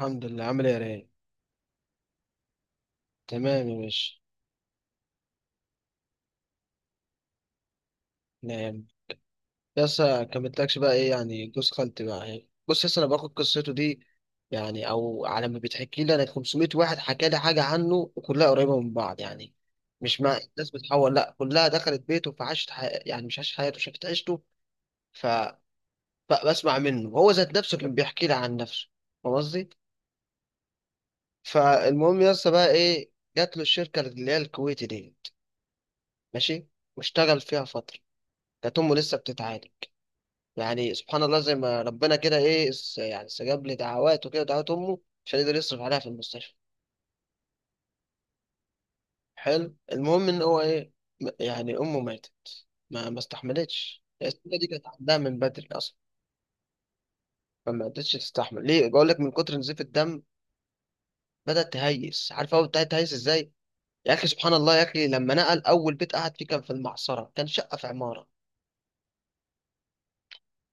الحمد لله. عامل ايه يا رايق؟ تمام يا باشا. نعم. بس كملتلكش بقى ايه؟ يعني جوز خالتي بقى ايه؟ بص، لسه انا باخد قصته دي، يعني او على ما بتحكي لي، انا 500 واحد حكى لي حاجه عنه وكلها قريبه من بعض، يعني مش مع الناس بتحول، لا كلها دخلت بيته فعاشت يعني مش عاشت حياته، شافت عيشته. فبسمع منه هو ذات نفسه، كان بيحكي لي عن نفسه، فاهم قصدي؟ فالمهم لسه بقى ايه، جات له الشركه اللي هي الكويتي دي، ماشي، واشتغل فيها فتره، كانت امه لسه بتتعالج، يعني سبحان الله زي ما ربنا كده ايه يعني استجاب لي دعواته كده، دعوات امه، عشان يقدر يصرف عليها في المستشفى. حلو، المهم ان هو ايه، يعني امه ماتت، ما استحملتش، السنه دي كانت عندها من بدري اصلا. فما قدرتش تستحمل، ليه؟ بقول لك، من كتر نزيف الدم بدات تهيس، عارف هو بدات تهيس ازاي؟ يا اخي سبحان الله، يا اخي لما نقل اول بيت قعد فيه، كان في المعصره، كان شقه في عماره،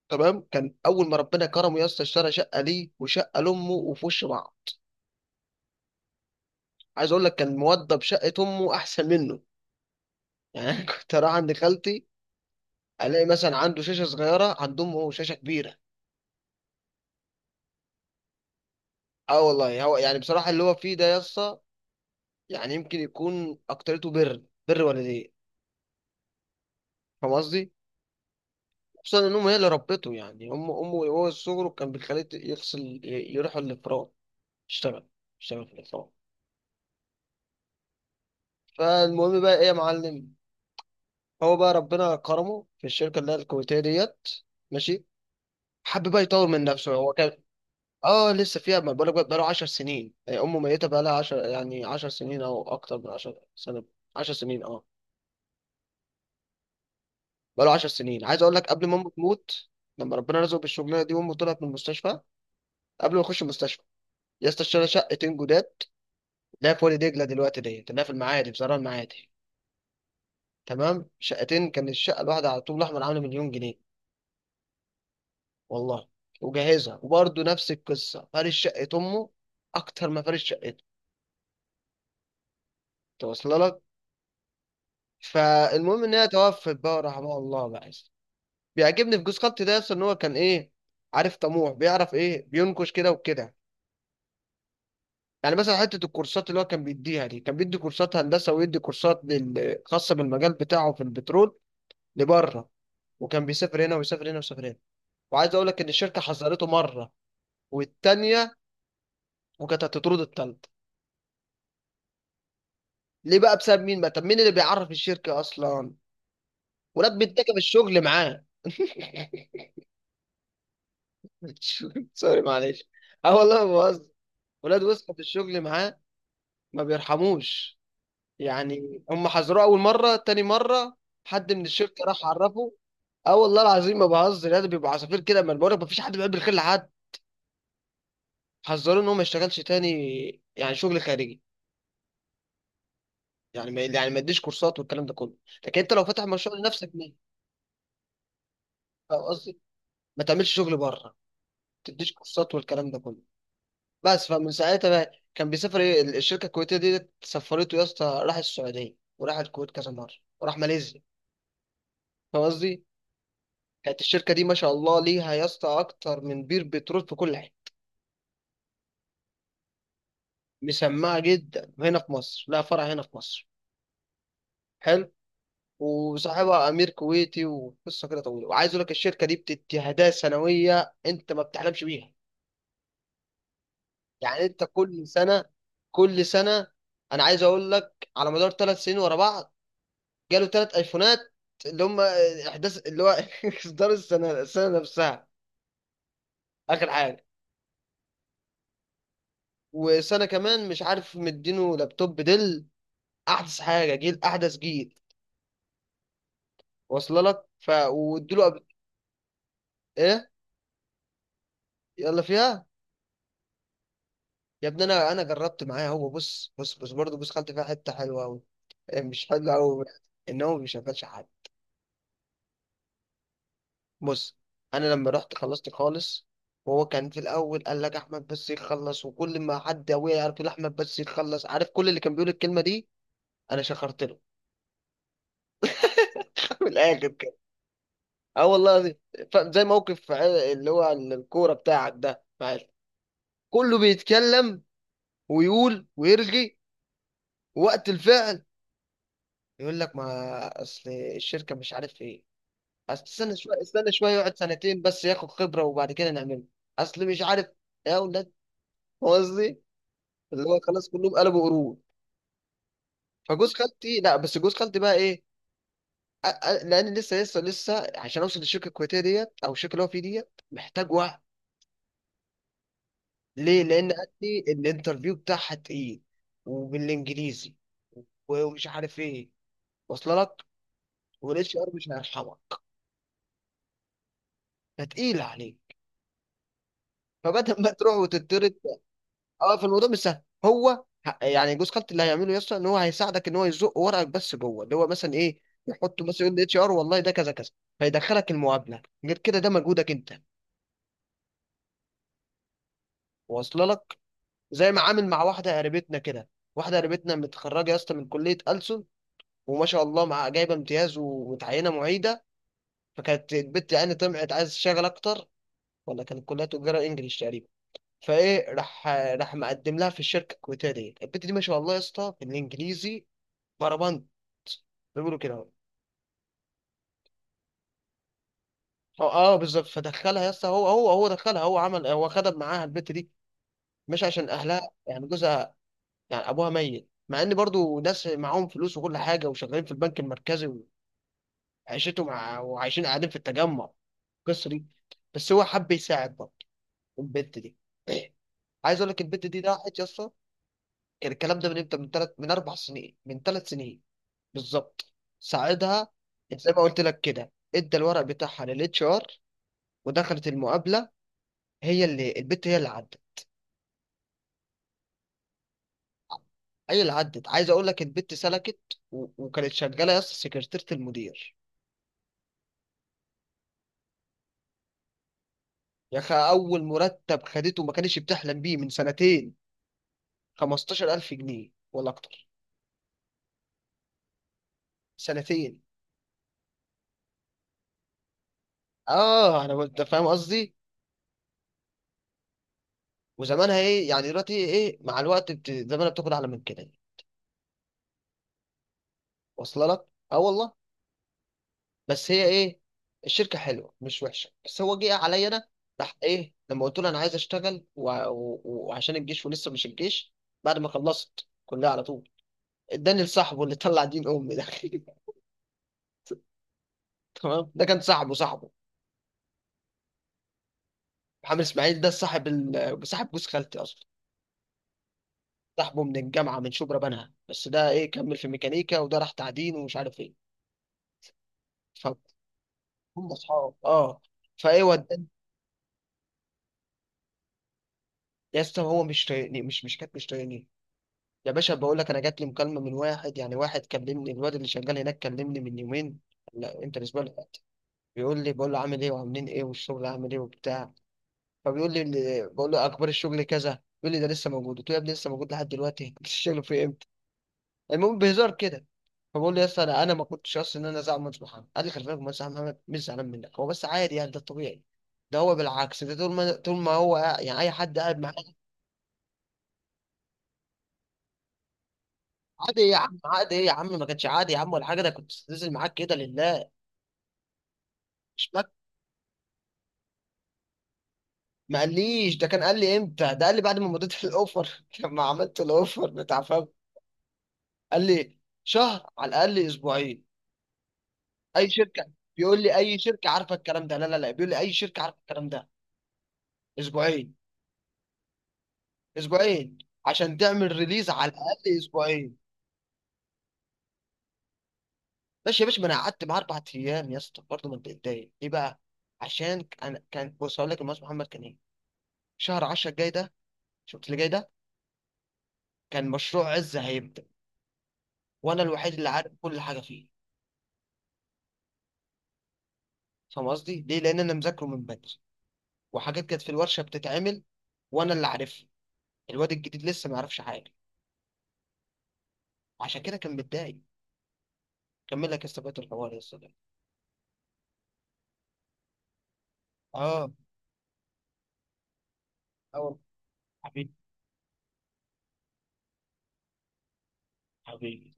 تمام؟ كان اول ما ربنا كرمه يا اسطى، اشترى شقه ليه وشقه لامه وفي وش بعض. عايز اقول لك، كان موضب شقه امه احسن منه، يعني أنا كنت اروح عند خالتي الاقي مثلا عنده شاشه صغيره، عندهم هو شاشه كبيره. اه والله، هو يعني بصراحه اللي هو فيه ده يسطا، يعني يمكن يكون اكترته بر والديه، فاهم قصدي؟ خصوصا ان امه هي اللي ربته، يعني امه وهو صغره كان بيخليه يروح الافران، يشتغل، في الافران. فالمهم بقى ايه يا معلم، هو بقى ربنا كرمه في الشركه اللي هي الكويتيه ديت، ماشي، حب بقى يطور من نفسه، هو كان. اه لسه فيها، ما بقولك بقى بقاله 10 سنين، آه، امه ميته بقالها 10، يعني 10 سنين او اكتر من 10 سنه، 10 سنين اه، بقاله 10 سنين. عايز اقول لك قبل ما امه تموت، لما ربنا رزقه بالشغلانه دي وامه طلعت من المستشفى، قبل ما اخش المستشفى، يا اسطى اشترى شقتين جداد، اللي هي في وادي دجله دلوقتي ديت، اللي هي في المعادي، في زرع المعادي، تمام؟ شقتين، كان الشقه الواحده على طول الاحمر عامله مليون جنيه، والله. وجهزها، وبرضه نفس القصه، فارش شقه امه اكتر ما فارش شقته، توصل؟ فالمهم ان هي توفت بقى، رحمها الله بقى. بيعجبني في جوز خط ده اصلا ان هو كان ايه، عارف، طموح، بيعرف ايه، بينكش كده وكده. يعني مثلا حته الكورسات اللي هو كان بيديها دي، كان بيدي كورسات هندسه، ويدي كورسات خاصه بالمجال بتاعه في البترول، لبره. وكان بيسافر هنا ويسافر هنا ويسافر هنا. وعايز اقول لك ان الشركه حذرته مره والتانيه، وكانت هتطرد التالته. ليه بقى؟ بسبب مين بقى؟ طب مين اللي بيعرف الشركه اصلا؟ ولاد بيتكب الشغل معاه. سوري معلش، اه والله ما بهزر، ولاد وسخة في الشغل معاه، ما بيرحموش. يعني هم حذروه اول مره، تاني مره، حد من الشركه راح عرفه. اه والله العظيم ما بهزر، يعني بيبقى عصافير كده، ما بقولك ما فيش حد بيحب الخير لحد. حذروه ان هو ما يشتغلش تاني، يعني شغل خارجي، يعني ما يديش كورسات والكلام ده كله، لكن انت لو فاتح مشروع لنفسك ليه، فاهم قصدي؟ ما تعملش شغل بره، ما تديش كورسات والكلام ده كله. بس فمن ساعتها بقى كان بيسافر ايه، الشركه الكويتيه دي سفرته يا اسطى، راح السعوديه وراح الكويت كذا مره، وراح ماليزيا، فاهم قصدي؟ كانت الشركة دي ما شاء الله ليها يا اسطى أكتر من بير بترول في كل حتة. مسمعة جدا، هنا في مصر لها فرع هنا في مصر. حلو، وصاحبها أمير كويتي، وقصة كده طويلة. وعايز أقول لك الشركة دي بتدي هدايا سنوية أنت ما بتحلمش بيها. يعني أنت كل سنة، كل سنة أنا عايز أقول لك على مدار ثلاث سنين ورا بعض جاله ثلاث أيفونات، اللي هم إحداث اللي هو إصدار السنة نفسها، آخر حاجة. وسنة كمان مش عارف مدينه لابتوب ديل، احدث حاجه، جيل احدث جيل، واصله لك؟ ف وادوا له. ايه، يلا فيها. يا ابني انا، جربت معاه، هو بص برضه بص، خدت فيها حته حلوه قوي، مش حلوه قوي، ان هو ما بيشغلش حد. بص، انا لما رحت خلصت خالص، وهو كان في الاول قال لك احمد بس يخلص، وكل ما حد ابويا يعرف يقول احمد بس يخلص، عارف كل اللي كان بيقول الكلمه دي، انا شخرت له. من الاخر كده، اه والله العظيم. زي موقف اللي هو الكوره بتاعك ده معايا. كله بيتكلم ويقول ويرغي، وقت الفعل يقول لك، ما اصل الشركه مش عارف ايه، اصل استنى شويه، يقعد سنتين بس ياخد خبره وبعد كده نعمله، اصل مش عارف، يا ولاد، هو قصدي اللي هو خلاص كلهم قلبوا قرود. فجوز خالتي، لا بس جوز خالتي بقى ايه، لان لسه عشان اوصل للشركه الكويتيه ديت او الشركه اللي هو فيه ديت محتاج وقت. ليه؟ لان قالت لي الانترفيو بتاعها تقيل، وبالانجليزي ومش عارف ايه، واصله لك؟ والاتش ار مش هيرحمك، فتقيل عليك، فبدل ما تروح وتطرد. اه، فالموضوع مش سهل، هو يعني جوز خالتي اللي هيعمله يسطا ان هو هيساعدك ان هو يزق ورقك، بس جوه اللي هو مثلا ايه، يحطه مثلا، يقول اتش ار والله ده كذا كذا، فيدخلك المقابله، غير كده ده مجهودك انت، واصله لك؟ زي ما عامل مع واحده قريبتنا كده، واحده قريبتنا متخرجه يا اسطى من كليه ألسن، وما شاء الله مع جايبه امتياز ومتعينه معيده، فكانت البت يعني طمعت عايز تشتغل اكتر، ولا كانت كلها تجاره انجلش تقريبا. فايه، راح مقدم لها في الشركه الكويتيه دي، البنت دي ما شاء الله يا اسطى في الانجليزي بربنت، بيقولوا كده اهو. اه بالظبط، فدخلها يا اسطى، هو دخلها، هو عمل، هو خدم معاها البنت دي، مش عشان اهلها، يعني جوزها، يعني ابوها ميت، مع ان برضو ناس معاهم فلوس وكل حاجه وشغالين في البنك المركزي، وعيشتهم وعايشين قاعدين في التجمع، القصه دي، بس هو حب يساعد برضه البنت دي. عايز اقول لك البنت دي راحت يا اسطى، كان الكلام ده من امتى، من اربع سنين، من ثلاث سنين بالظبط، ساعدها، زي ما قلت لك كده ادى الورق بتاعها للاتش ار ودخلت المقابله، هي اللي عدت، عايز اقول لك البت سلكت. وكانت شغاله يا اسطى سكرتيره المدير. يا اخي اول مرتب خدته ما كانش بتحلم بيه من سنتين، 15,000 جنيه ولا اكتر. سنتين اه، انت فاهم قصدي. وزمانها ايه يعني دلوقتي ايه، مع الوقت زمانها بتاخد اعلى من كده، واصله لك؟ اه والله. بس هي ايه، الشركه حلوه مش وحشه، بس هو جه عليا انا، راح ايه لما قلت له انا عايز اشتغل وعشان الجيش ولسه مش الجيش، بعد ما خلصت كلها على طول اداني لصاحبه اللي طلع دين امي ده. تمام، ده كان صاحبه محمد اسماعيل، ده صاحب صاحب جوز خالتي اصلا، صاحبه من الجامعه من شبرا بنها، بس ده ايه، كمل في ميكانيكا، وده راح تعدين ومش عارف ايه، فهم، اصحاب اه. فايه وداني. يا اسطى هو مش طايقني، مش مش كانت مش طايقني. يا باشا بقول لك، انا جات لي مكالمه من واحد، يعني واحد كلمني الواد اللي شغال هناك، كلمني من يومين، لا امتى، الاسبوع اللي فات، بيقول لي، بقول له عامل ايه وعاملين ايه والشغل عامل ايه وبتاع. فبيقول لي بقول له اخبار الشغل كذا، بيقول لي ده لسه موجود، قلت له يا ابني لسه موجود لحد دلوقتي، انت الشغل في امتى، المهم بهزار كده. فبقول له يا اسطى انا، ما كنتش اصلا ان انا زعلان من محمد، قال لي خلي بالك مهندس محمد مش زعلان منك، هو بس عادي يعني، ده الطبيعي، ده هو بالعكس، ده طول ما هو يعني اي حد قاعد معاه عادي يا عم، عادي ايه يا عم، ما كانش عادي يا عم ولا حاجه، ده كنت نازل معاك كده لله. مش ما ما قاليش ده، كان قال لي امتى، ده قال لي بعد ما مضيت الاوفر، لما عملت الاوفر بتاع، فاهم؟ قال لي شهر، على الاقل اسبوعين. اي شركه، بيقول لي اي شركه عارفه الكلام ده، لا بيقول لي اي شركه عارفه الكلام ده. اسبوعين، اسبوعين. عشان تعمل ريليز على الاقل اسبوعين. ماشي يا باشا، ما انا قعدت معاه اربع ايام يا اسطى برضه، ما اتضايق ليه بقى؟ عشان انا كان، بص هقول لك، المهندس محمد كان ايه، شهر 10 الجاي ده، شفت اللي جاي ده، كان مشروع عز هيبدا، وانا الوحيد اللي عارف كل حاجه فيه، فاهم قصدي؟ ليه؟ لان انا مذاكره من بدري، وحاجات كانت في الورشه بتتعمل وانا اللي عارفها، الواد الجديد لسه ما يعرفش حاجه، عشان كده كان متضايق. كمل لك يا اسطى بقية الحوار يا اسطى ده. اه، اه حبيبي، حبيبي.